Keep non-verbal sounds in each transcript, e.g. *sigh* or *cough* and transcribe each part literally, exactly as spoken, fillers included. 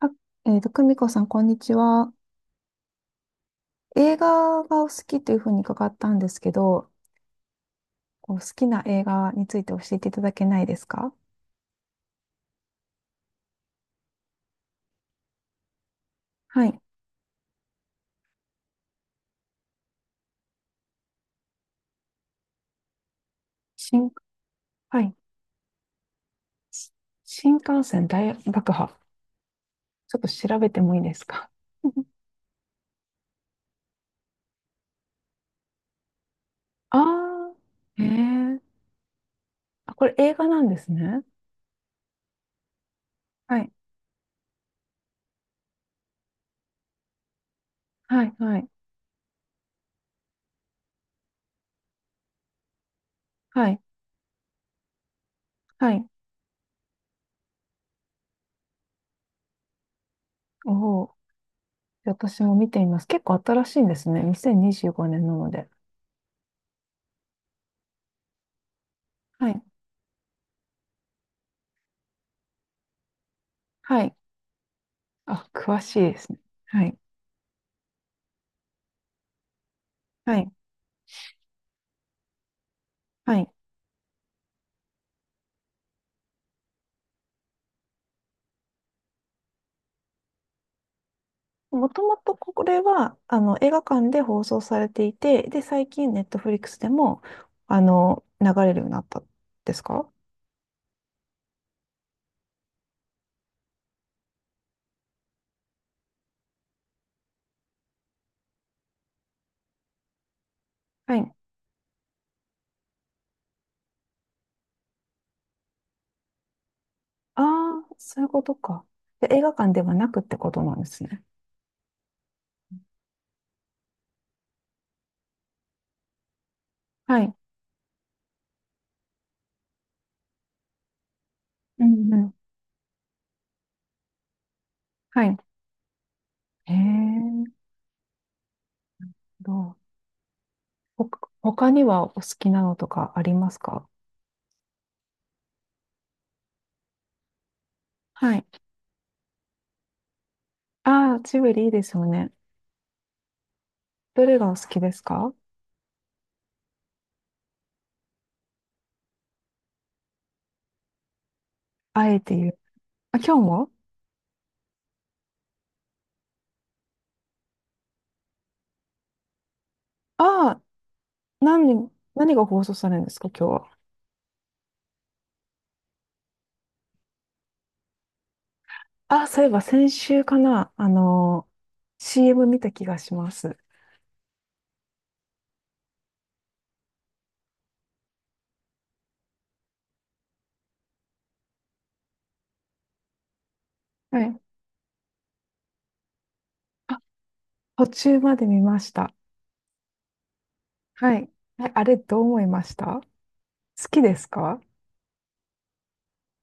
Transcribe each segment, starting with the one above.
あえっと、久美子さん、こんにちは。映画がお好きというふうに伺ったんですけど、こう好きな映画について教えていただけないですか？はい。新、はい。し新幹線大爆破。ちょっと調べてもいいですか？ *laughs* あー、ええ、あ、これ映画なんですね。はい。はい、はい。はい。はい。おお。私も見ています。結構新しいんですね。にせんにじゅうごねんなので。はい。はい。あ、詳しいですね。はい。はい。はい。もともとこれは、あの、映画館で放送されていて、で、最近、ネットフリックスでも、あの、流れるようになったんですか？はい。ああ、そういうことか。で、映画館ではなくってことなんですね。はい。うんうん。はい。へえ、どう。ほか、他にはお好きなのとかありますか？はい。ああ、ジブリいいですよね。どれがお好きですか？あえて言う。あ、今日も。ああー、何、何が放送されるんですか、今日は。あ、そういえば先週かな、あの、シーエム 見た気がします。はい。あ、途中まで見ました。はい。え、あれどう思いました？好きですか？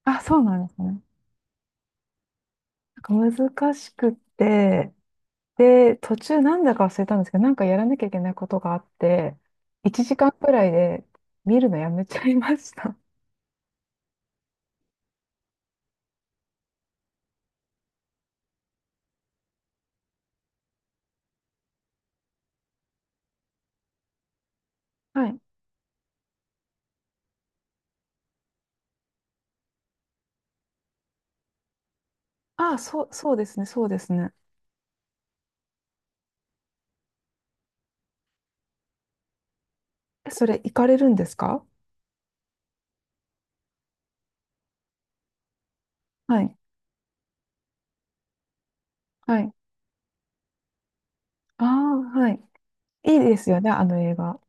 あ、そうなんですね。なんか難しくって、で、途中なんだか忘れたんですけど、なんかやらなきゃいけないことがあって、いちじかんくらいで見るのやめちゃいました。はい。あ、そう、そうですね、そうですね。え、それ行かれるんですか？はい。はい。ああ、はい。いいですよね、あの映画。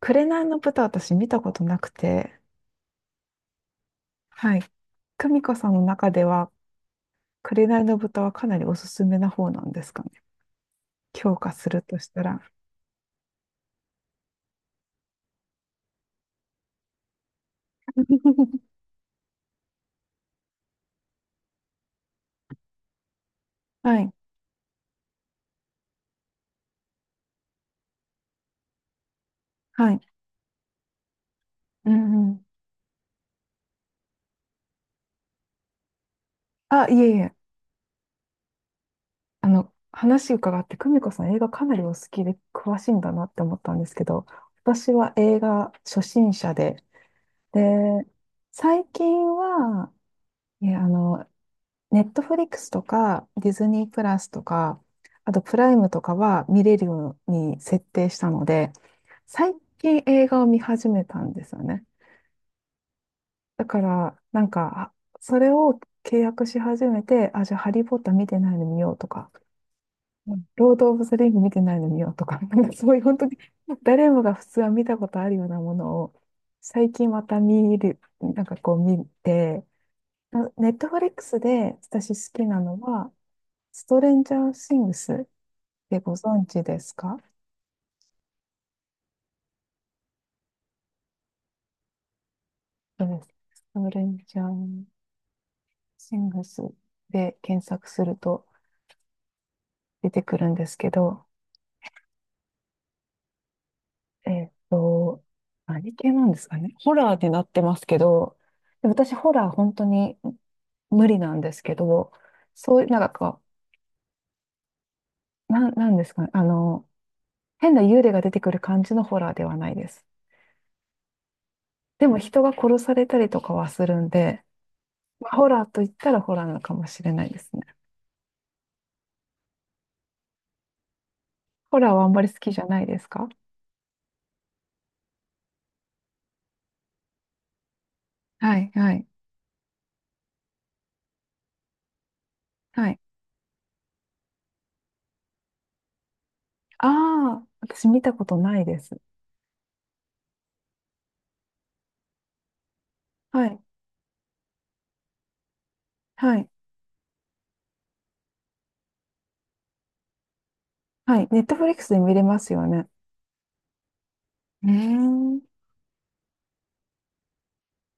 紅の豚私見たことなくて、はい。久美子さんの中では、紅の豚はかなりおすすめな方なんですかね。強化するとしたら。*laughs* はい。はい。うんうん。あ、いえいえ。あの、話伺って、久美子さん映画かなりお好きで詳しいんだなって思ったんですけど、私は映画初心者で、で、最近は、いや、あの、ネットフリックスとか、ディズニープラスとか、あとプライムとかは見れるように設定したので、最近映画を見始めたんですよね。だから、なんか、あ、それを契約し始めて、あ、じゃあ、ハリー・ポッター見てないの見ようとか、うん、ロード・オブ・ザ・リング見てないの見ようとか、*laughs* なんかそういう本当に誰もが普通は見たことあるようなものを、最近また見る、なんかこう見て、ネットフリックスで私好きなのは、ストレンジャーシングスってご存知ですか？そうです。ストレンジャーシングスで検索すると出てくるんですけど、えっと、何系なんですかね。ホラーになってますけど、で私ホラー本当に無理なんですけど、そういう、なんかこう、なん、なんですかね。あの、変な幽霊が出てくる感じのホラーではないです。でも人が殺されたりとかはするんで、まあホラーと言ったらホラーなのかもしれないですね。ホラーはあんまり好きじゃないですか？はい、はい、はい。ああ、私見たことないです。はい、はい、はい。ネットフリックスで見れますよね。ねえ。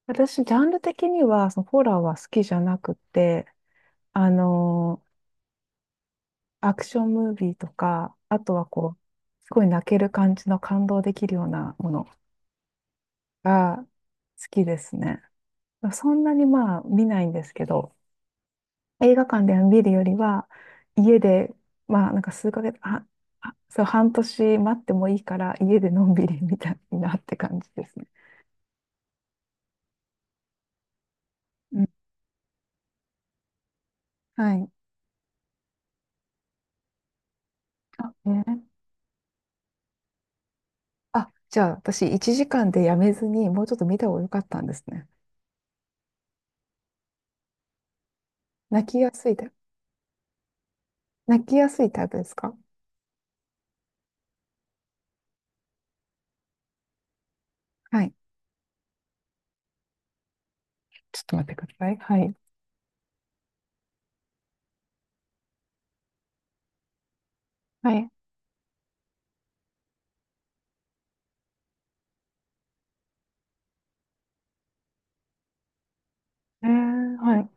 私、ジャンル的には、そのホラーは好きじゃなくて、あのーアクションムービーとか、あとはこう、すごい泣ける感じの感動できるようなものが好きですね。そんなにまあ見ないんですけど、映画館で見るよりは、家で、まあ、なんか数ヶ月、あ、あ、そう、半年待ってもいいから、家でのんびりみたいなって感じですね。うん、はい。あ、ね。あ、じゃあ、私、いちじかんでやめずに、もうちょっと見た方が良かったんですね。泣きやすいタイプ、泣きやすいタイプですか？はい。ちょっと待ってください。はい。はい。えー、はい。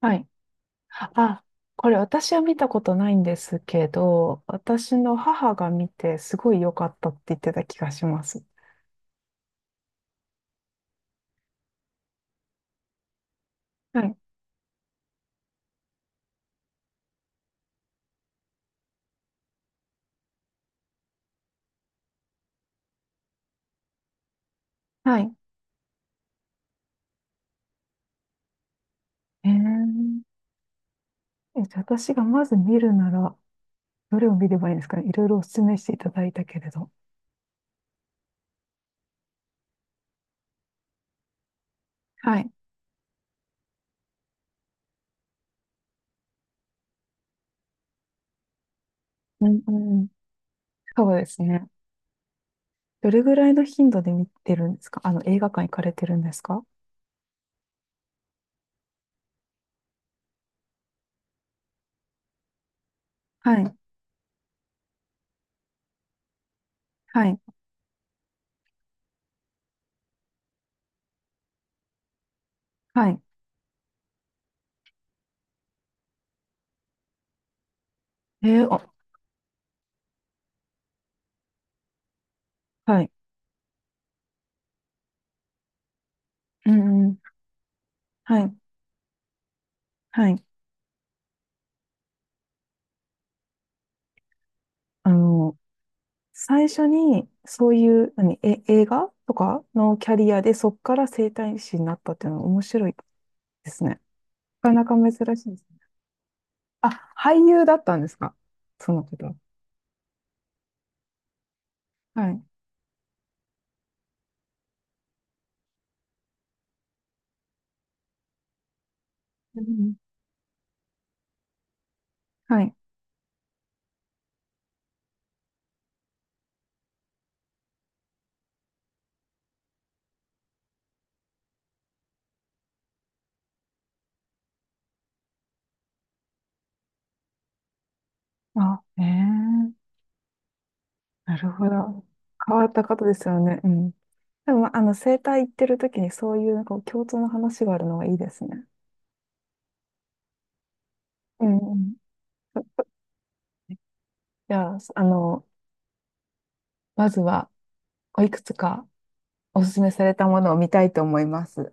はい。あ、これ私は見たことないんですけど、私の母が見てすごい良かったって言ってた気がします。はい。はい。えー、え、じゃあ私がまず見るなら、どれを見ればいいですかね？いろいろお勧めしていただいたけれど。はい。うん、うん。そうですね。どれぐらいの頻度で見てるんですか？あの、映画館行かれてるんですか？はい。はい。はい。えー、あ、はい。うん、うん。はい。はい。あの、最初に、そういう、何、え、映画とかのキャリアで、そっから整体師になったっていうのは面白いですね。なかなか珍しいですね。あ、俳優だったんですか、その方は。はい。うん。はい。あ、ええ、なるほど。変わった方ですよね。うん。でも、あの、整体行ってる時にそういう、こう、共通の話があるのはいいですね。うんうん。じゃあ、あの、まずは、おいくつかおすすめされたものを見たいと思います。